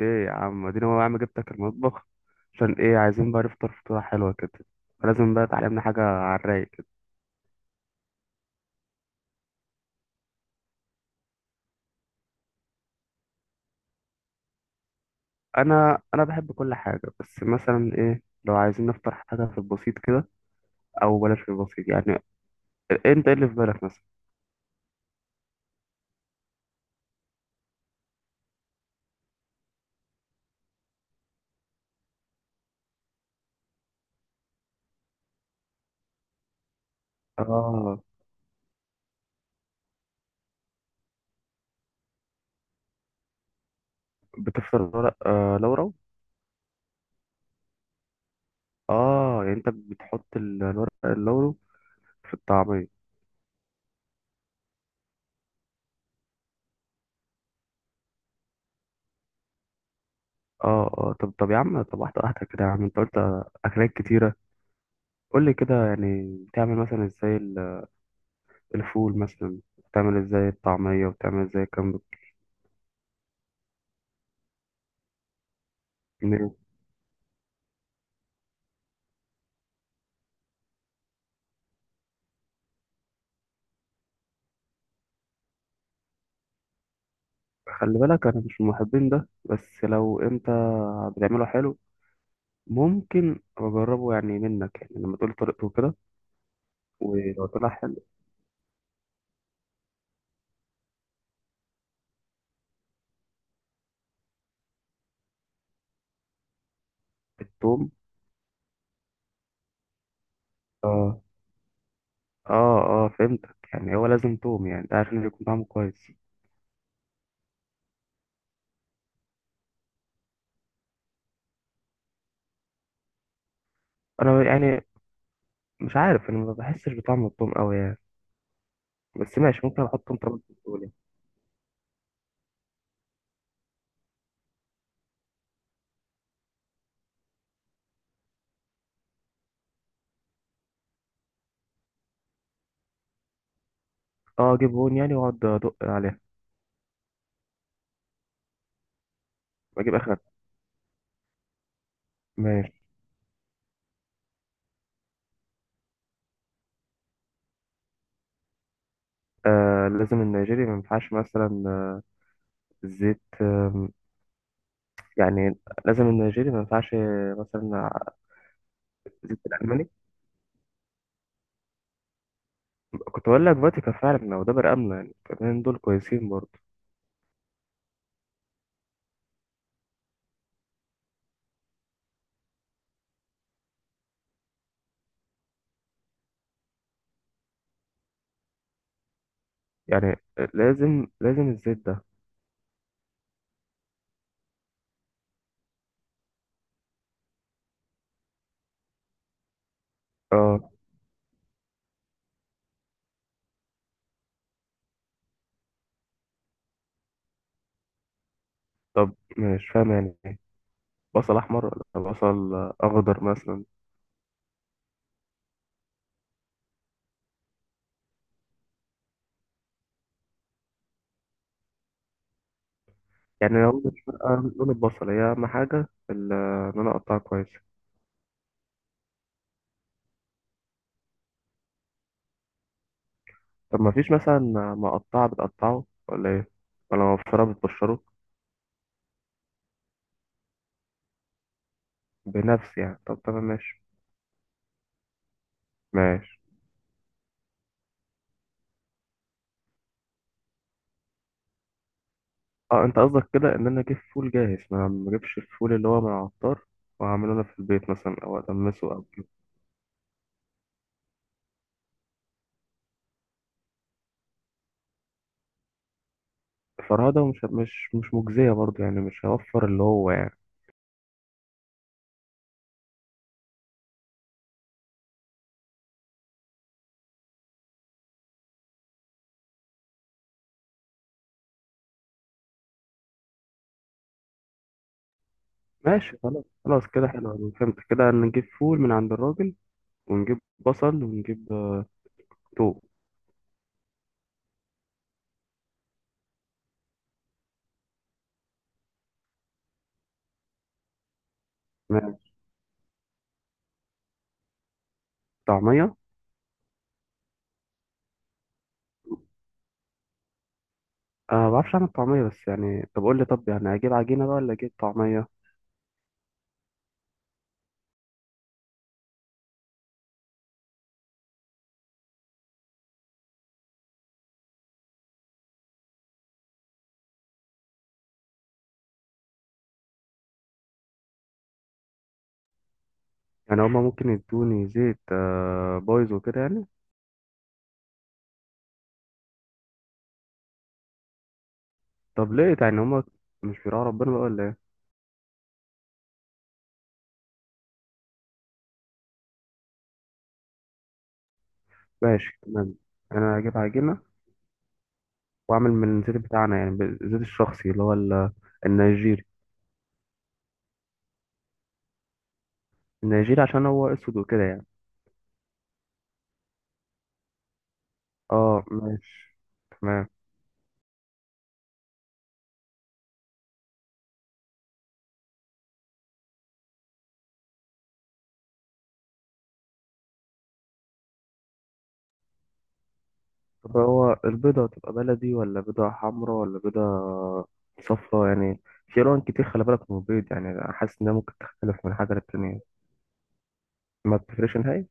ايه يا عم اديني، هو يا عم جبتك المطبخ عشان ايه؟ عايزين بقى نفطر فطوره حلوه كده، فلازم بقى تعلمنا حاجه على الرايق كده. انا بحب كل حاجه، بس مثلا ايه، لو عايزين نفطر حاجه في البسيط كده، او بلاش في البسيط يعني، انت ايه اللي في بالك مثلا؟ اه، بتفطر ورق آه لورا؟ اه يعني انت بتحط الورق اللورو في الطعميه؟ اه اه، طب يا عم، طب واحده واحده كده يا عم، انت قلت اكلات كتيره، قول لي كده يعني بتعمل مثلا ازاي الفول مثلا، بتعمل ازاي الطعمية، بتعمل ازاي كام بتجنيه؟ خلي بالك انا مش من محبين ده، بس لو انت بتعمله حلو ممكن اجربه يعني منك، يعني لما تقول طريقته كده، ولو طلع حلو. التوم؟ اه اه اه، فهمتك، يعني هو لازم توم يعني ده عشان يكون طعمه كويس؟ انا يعني مش عارف، انا ما بحسش بطعم التوم قوي يعني، بس ماشي، ممكن احط مطرب بتقولي. اه اجيب هون يعني واقعد ادق عليها؟ واجيب اخر. ماشي. آه، لازم النيجيري؟ ما ينفعش مثلا زيت يعني، لازم النيجيري؟ ما ينفعش مثلا زيت الألماني؟ كنت بقول لك فاتيكا فعلا، وده بقى آمنة، يعني الاتنين دول كويسين برضه. يعني لازم الزيت ده؟ اه. طب مش فاهم يعني إيه؟ بصل أحمر ولا بصل أخضر مثلا؟ يعني لو مش فارقة لون البصل، هي أهم حاجة إن أنا أقطعه كويس. طب ما فيش مثلا مقطعة بتقطعه، ولا إيه، ولا مبشرة بتبشره؟ بنفس، يعني طب تمام، ماشي. ماشي. اه انت قصدك كده ان انا اجيب فول جاهز، ما اجيبش الفول اللي هو من العطار واعمله انا في البيت مثلا، او ادمسه، او أجيبه. فرهده؟ مش مجزيه برضه يعني؟ مش هوفر اللي هو يعني. ماشي، خلاص كده، حلو أوي. فهمت كده، نجيب فول من عند الراجل، ونجيب بصل، ونجيب توم. ماشي. طعميه. انا ما بعرفش اعمل طعميه، بس يعني طب قول لي، طب يعني اجيب عجينه بقى ولا اجيب طعميه؟ يعني هما ممكن يدوني زيت بايظ وكده يعني؟ طب ليه يعني هما مش بيراعوا ربنا بقى ولا إيه؟ ماشي تمام، انا هجيب عجينه واعمل من الزيت بتاعنا، يعني بالزيت الشخصي اللي هو النيجيري. النيجيري عشان هو اسود وكده يعني. اه ماشي، تمام. طب هو البيضه تبقى بلدي، ولا بيضه حمراء، ولا بيضه صفراء يعني؟ في الوان كتير، خلي بالك من البيض يعني، أنا حاسس انها ممكن تختلف من حاجه للتانيه. ما بتفرقش نهائي؟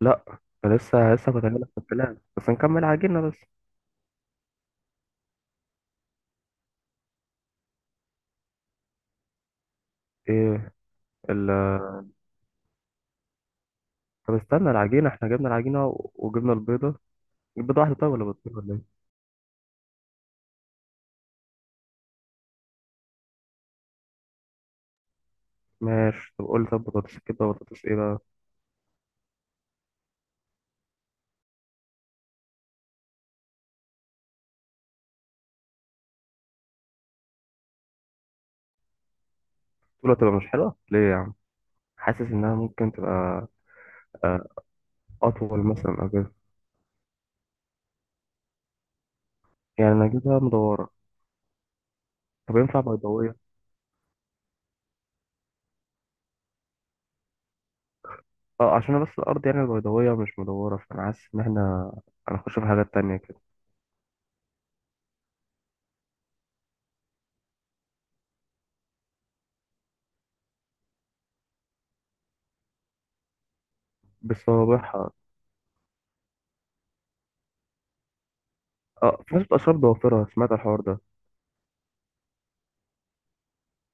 لا، أنا لسه كنت هجيلك في الكلام، بس نكمل عجينه بس. ايه ال. طب استنى العجينه، احنا جبنا العجينه وجبنا البيضه، البيضه واحده طيب ولا بيضتين، ولا إيه؟ ماشي، طب قول لي، طب بطاطس كده، بطاطس ايه بقى؟ بتقول هتبقى مش حلوه ليه يا عم؟ حاسس انها ممكن تبقى آه، اطول مثلا او كده. يعني انا اجيبها مدوره؟ طب ينفع بيضاويه؟ اه، عشان أنا بس الارض، يعني البيضاويه مش مدوره، فانا حاسس ان احنا هنخش في حاجات تانية كده. بصوابعها؟ اه، في ناس بتبقى شرب ضوافرها، سمعت الحوار ده؟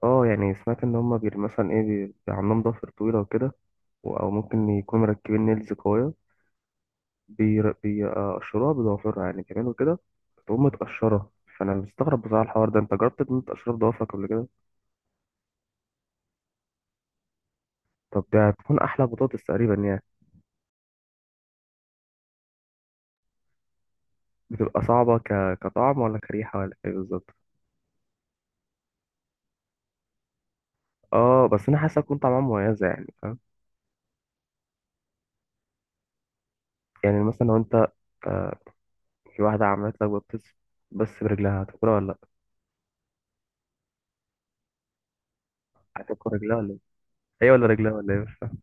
اه يعني، سمعت ان هما بي مثلا ايه، بي عندهم ضوافر طويله وكده، او ممكن يكونوا مركبين نيلز قويه، بيقشروها بضوافرها يعني كمان وكده، بتقوم متقشرة. فأنا مستغرب بصراحة الحوار ده، أنت جربت إن أنت تقشرها بضوافرك قبل كده؟ طب ده هتكون أحلى بطاطس تقريبا يعني. بتبقى صعبة كطعم، ولا كريحة، ولا إيه بالظبط؟ آه، بس أنا حاسة تكون طعمها مميزة يعني، فاهم؟ يعني مثلا لو أنت آه، في واحدة عملت لك بطاطس بس برجلها، هتاكلها ولا لأ؟ هتاكل رجلها ولا إيه؟ هي ولا رجلها ولا إيه؟ مش فاهم.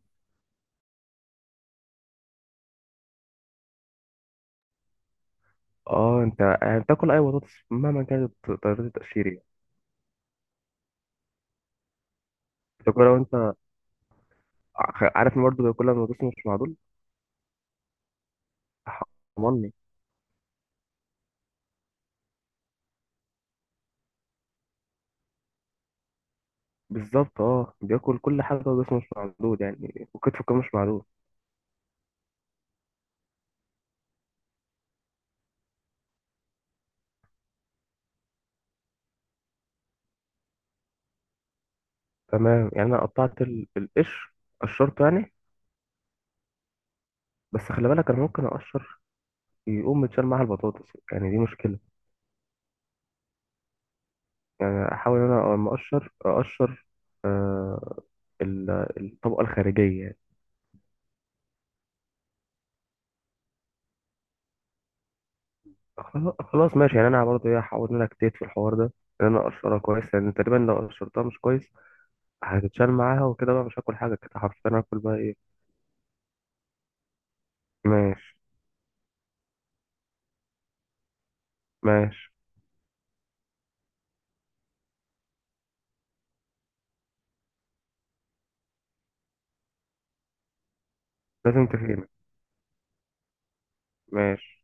آه، أنت يعني بتاكل أي بطاطس مهما كانت طريقة التقشير يعني؟ بتاكلها وأنت عارف إن برضه بياكلها من بطاطس مش معدول؟ حرمني. بالظبط، اه بياكل كل حاجة وجسمه مش معدود يعني، وكتفه كمان مش معدود. تمام، يعني أنا قطعت القشر، قشرته يعني. بس خلي بالك، أنا ممكن أقشر يقوم متشال معاها البطاطس يعني، دي مشكلة. يعني أحاول إن أنا لما أقشر أقشر آه ال- الطبقة الخارجية يعني. خلاص خلاص. يعني أنا برضه إيه، هحاول إن أنا أجتهد في الحوار ده، إن أنا أقشرها كويس، لأن تقريبا لو قشرتها مش كويس هتتشال معاها وكده، بقى مش هاكل حاجة كده حرفيا، هاكل بقى إيه. ماشي. ماشي، لازم تفهمني. ماشي.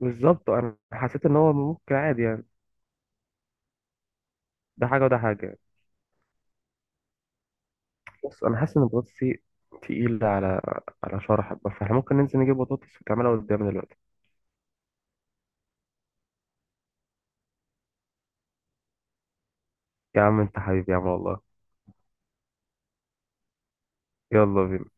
بالظبط، انا حسيت ان هو ممكن عادي يعني، ده حاجه وده حاجه. بس انا حاسس ان البطاطس دي تقيلة على على شرحك، بس احنا ممكن ننزل نجيب بطاطس وتعملها قدامي دلوقتي. يا عم انت حبيبي يا عم والله. يلا بينا.